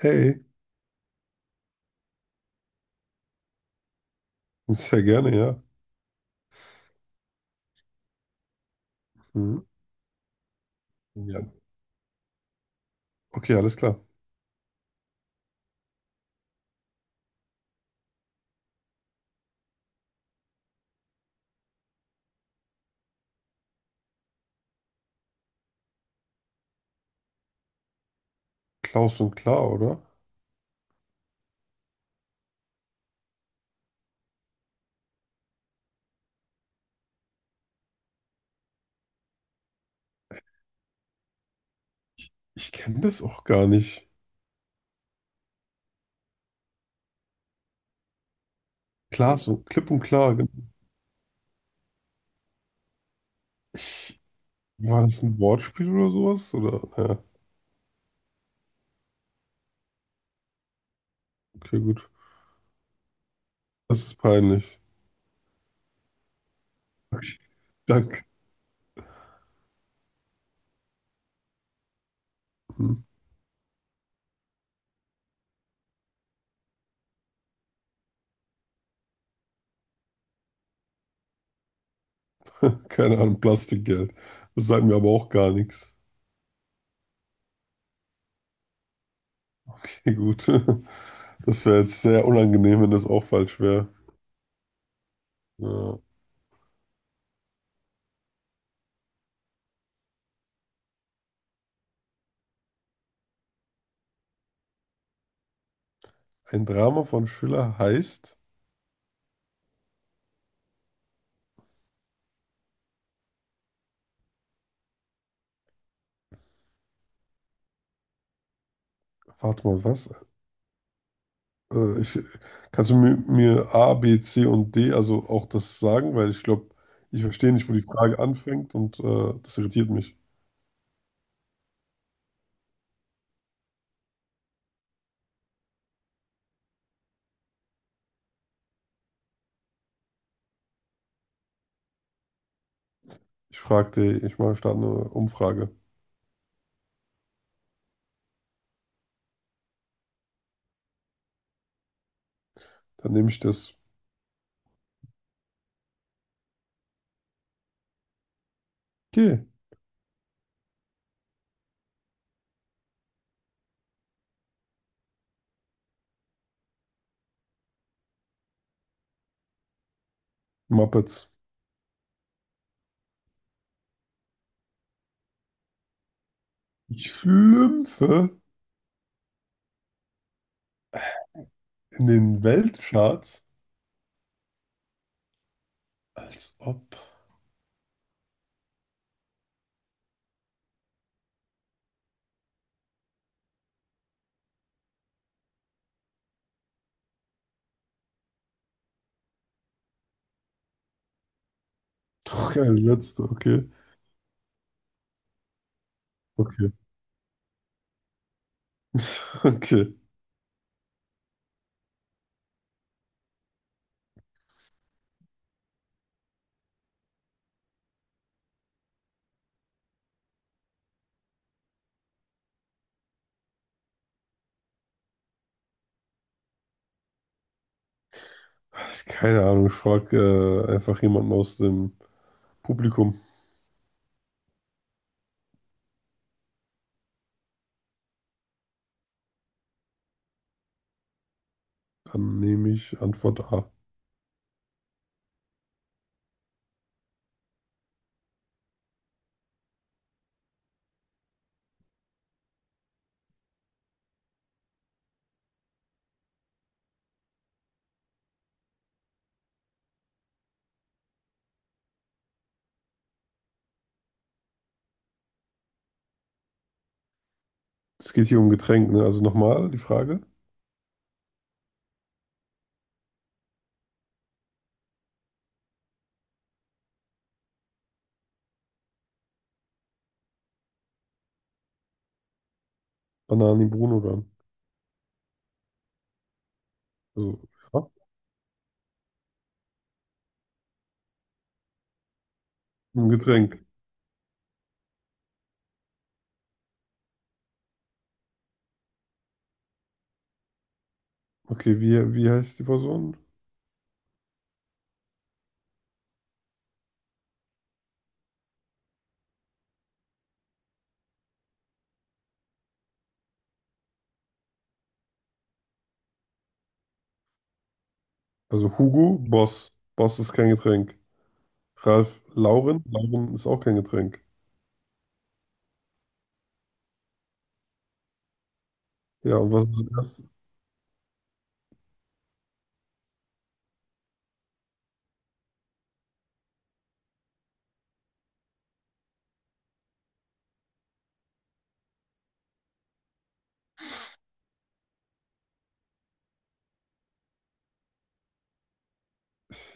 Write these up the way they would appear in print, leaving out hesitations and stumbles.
Hey, sehr gerne, ja. Mhm. Ja. Okay, alles klar. Klaus und klar, oder? Ich kenne das auch gar nicht. Klaas und klipp und klar. Ich, war das ein Wortspiel oder sowas? Oder? Ja, okay, gut. Das ist peinlich. Okay, danke. Hm. Keine Ahnung, Plastikgeld. Das sagt mir aber auch gar nichts. Okay, gut. Das wäre jetzt sehr unangenehm, wenn das auch falsch wäre. Ja. Ein Drama von Schiller heißt. Warte mal, was? Äh, ich, Kannst du mir, A, B, C und D, also auch das sagen? Weil ich glaube, ich verstehe nicht, wo die Frage anfängt, und das irritiert mich. Ich fragte, ich mache statt eine Umfrage. Dann nehme ich das. Okay, Muppets. Ich schlümpfe in den Weltcharts, als ob. Doch, ja, die letzte, okay. Okay. Okay. Keine Ahnung, ich frage einfach jemanden aus dem Publikum. Dann nehme ich Antwort A. Es geht hier um Getränk, ne? Also nochmal die Frage. Banani Bruno dann. Also, ja, um Getränk. Okay, wie heißt die Person? Also Hugo Boss. Boss ist kein Getränk. Ralf Lauren. Lauren ist auch kein Getränk. Ja, und was ist das?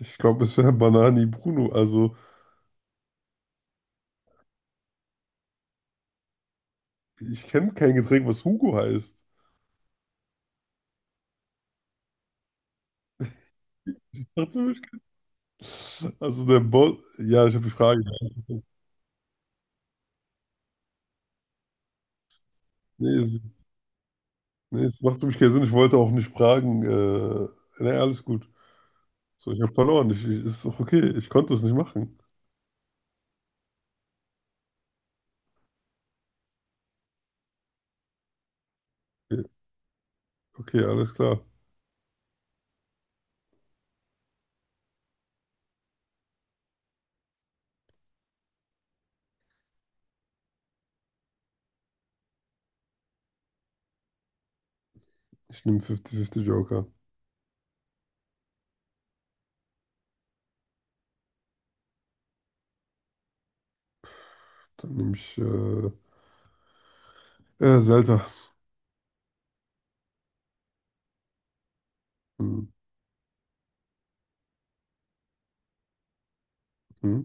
Ich glaube, es wäre Banani Bruno. Also, ich kenne kein Getränk, was Hugo heißt. Also der Boss. Ja, ich habe die Frage. Nee, es- Nee, es macht für mich keinen Sinn. Ich wollte auch nicht fragen. Nee, alles gut. So, ich habe verloren. Ist doch okay. Ich konnte es nicht machen. Okay, okay, alles klar. Ich nehme 50-50 Joker. Dann nehme ich Zelda. Hm, hm.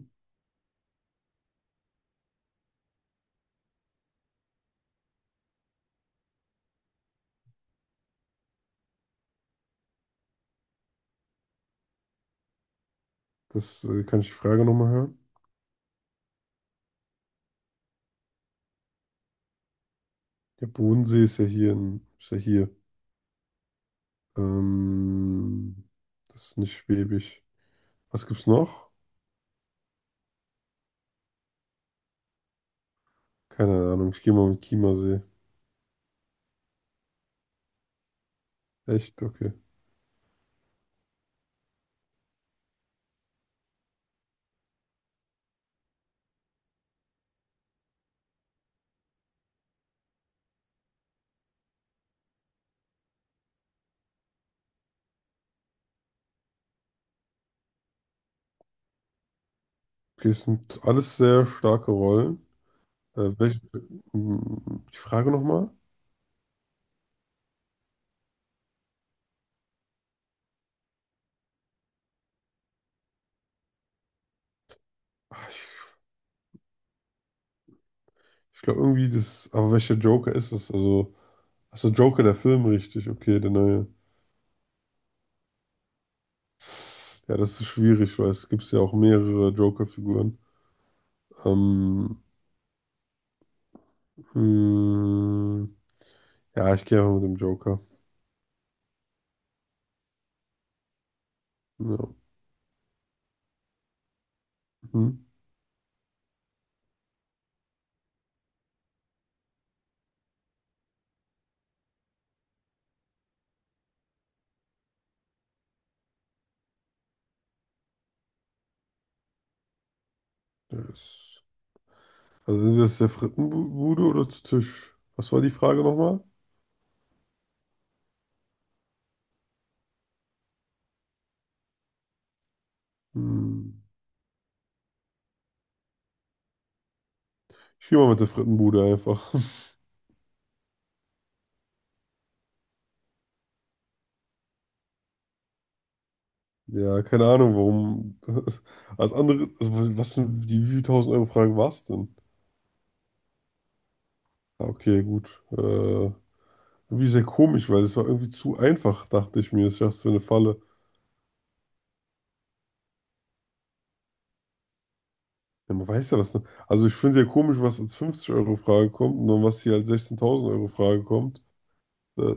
Das kann ich die Frage nochmal hören? Der Bodensee ist ja hier in, ist ja hier. Ähm, das ist nicht schwäbisch. Was gibt's noch? Keine Ahnung. Ich gehe mal mit Chiemsee. Echt? Okay. Okay, es sind alles sehr starke Rollen. Äh, welche, die Frage nochmal? Ich, ich glaube irgendwie das, aber welcher Joker ist es? Also. Achso, Joker, der Film, richtig. Okay, der neue. Ja, das ist schwierig, weil es gibt ja auch mehrere Joker-Figuren. Ähm, hm, ja, ich gehe einfach mit dem Joker. Ja. Hm, der ist, also sind das der Frittenbude oder zu Tisch? Was war die Frage nochmal? Hm, ich gehe mal mit der Frittenbude einfach. Ja, keine Ahnung, warum. Als andere, also was für die wie viel tausend Euro Frage war es denn? Ah, okay, gut. Irgendwie sehr komisch, weil es war irgendwie zu einfach, dachte ich mir. Ich dachte, so eine Falle. Ja, man weiß ja was. Ne? Also ich finde sehr komisch, was als 50-Euro-Frage kommt und dann was hier als 16.000-Euro-Frage kommt. Das,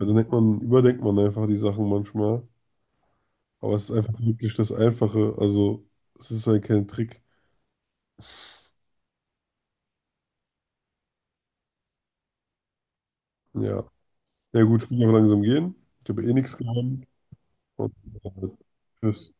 ja, dann denkt man, überdenkt man einfach die Sachen manchmal. Aber es ist einfach wirklich das Einfache. Also es ist halt kein Trick. Ja. Ja gut, ich muss noch langsam gehen. Ich habe eh nichts gewonnen. Und äh, tschüss.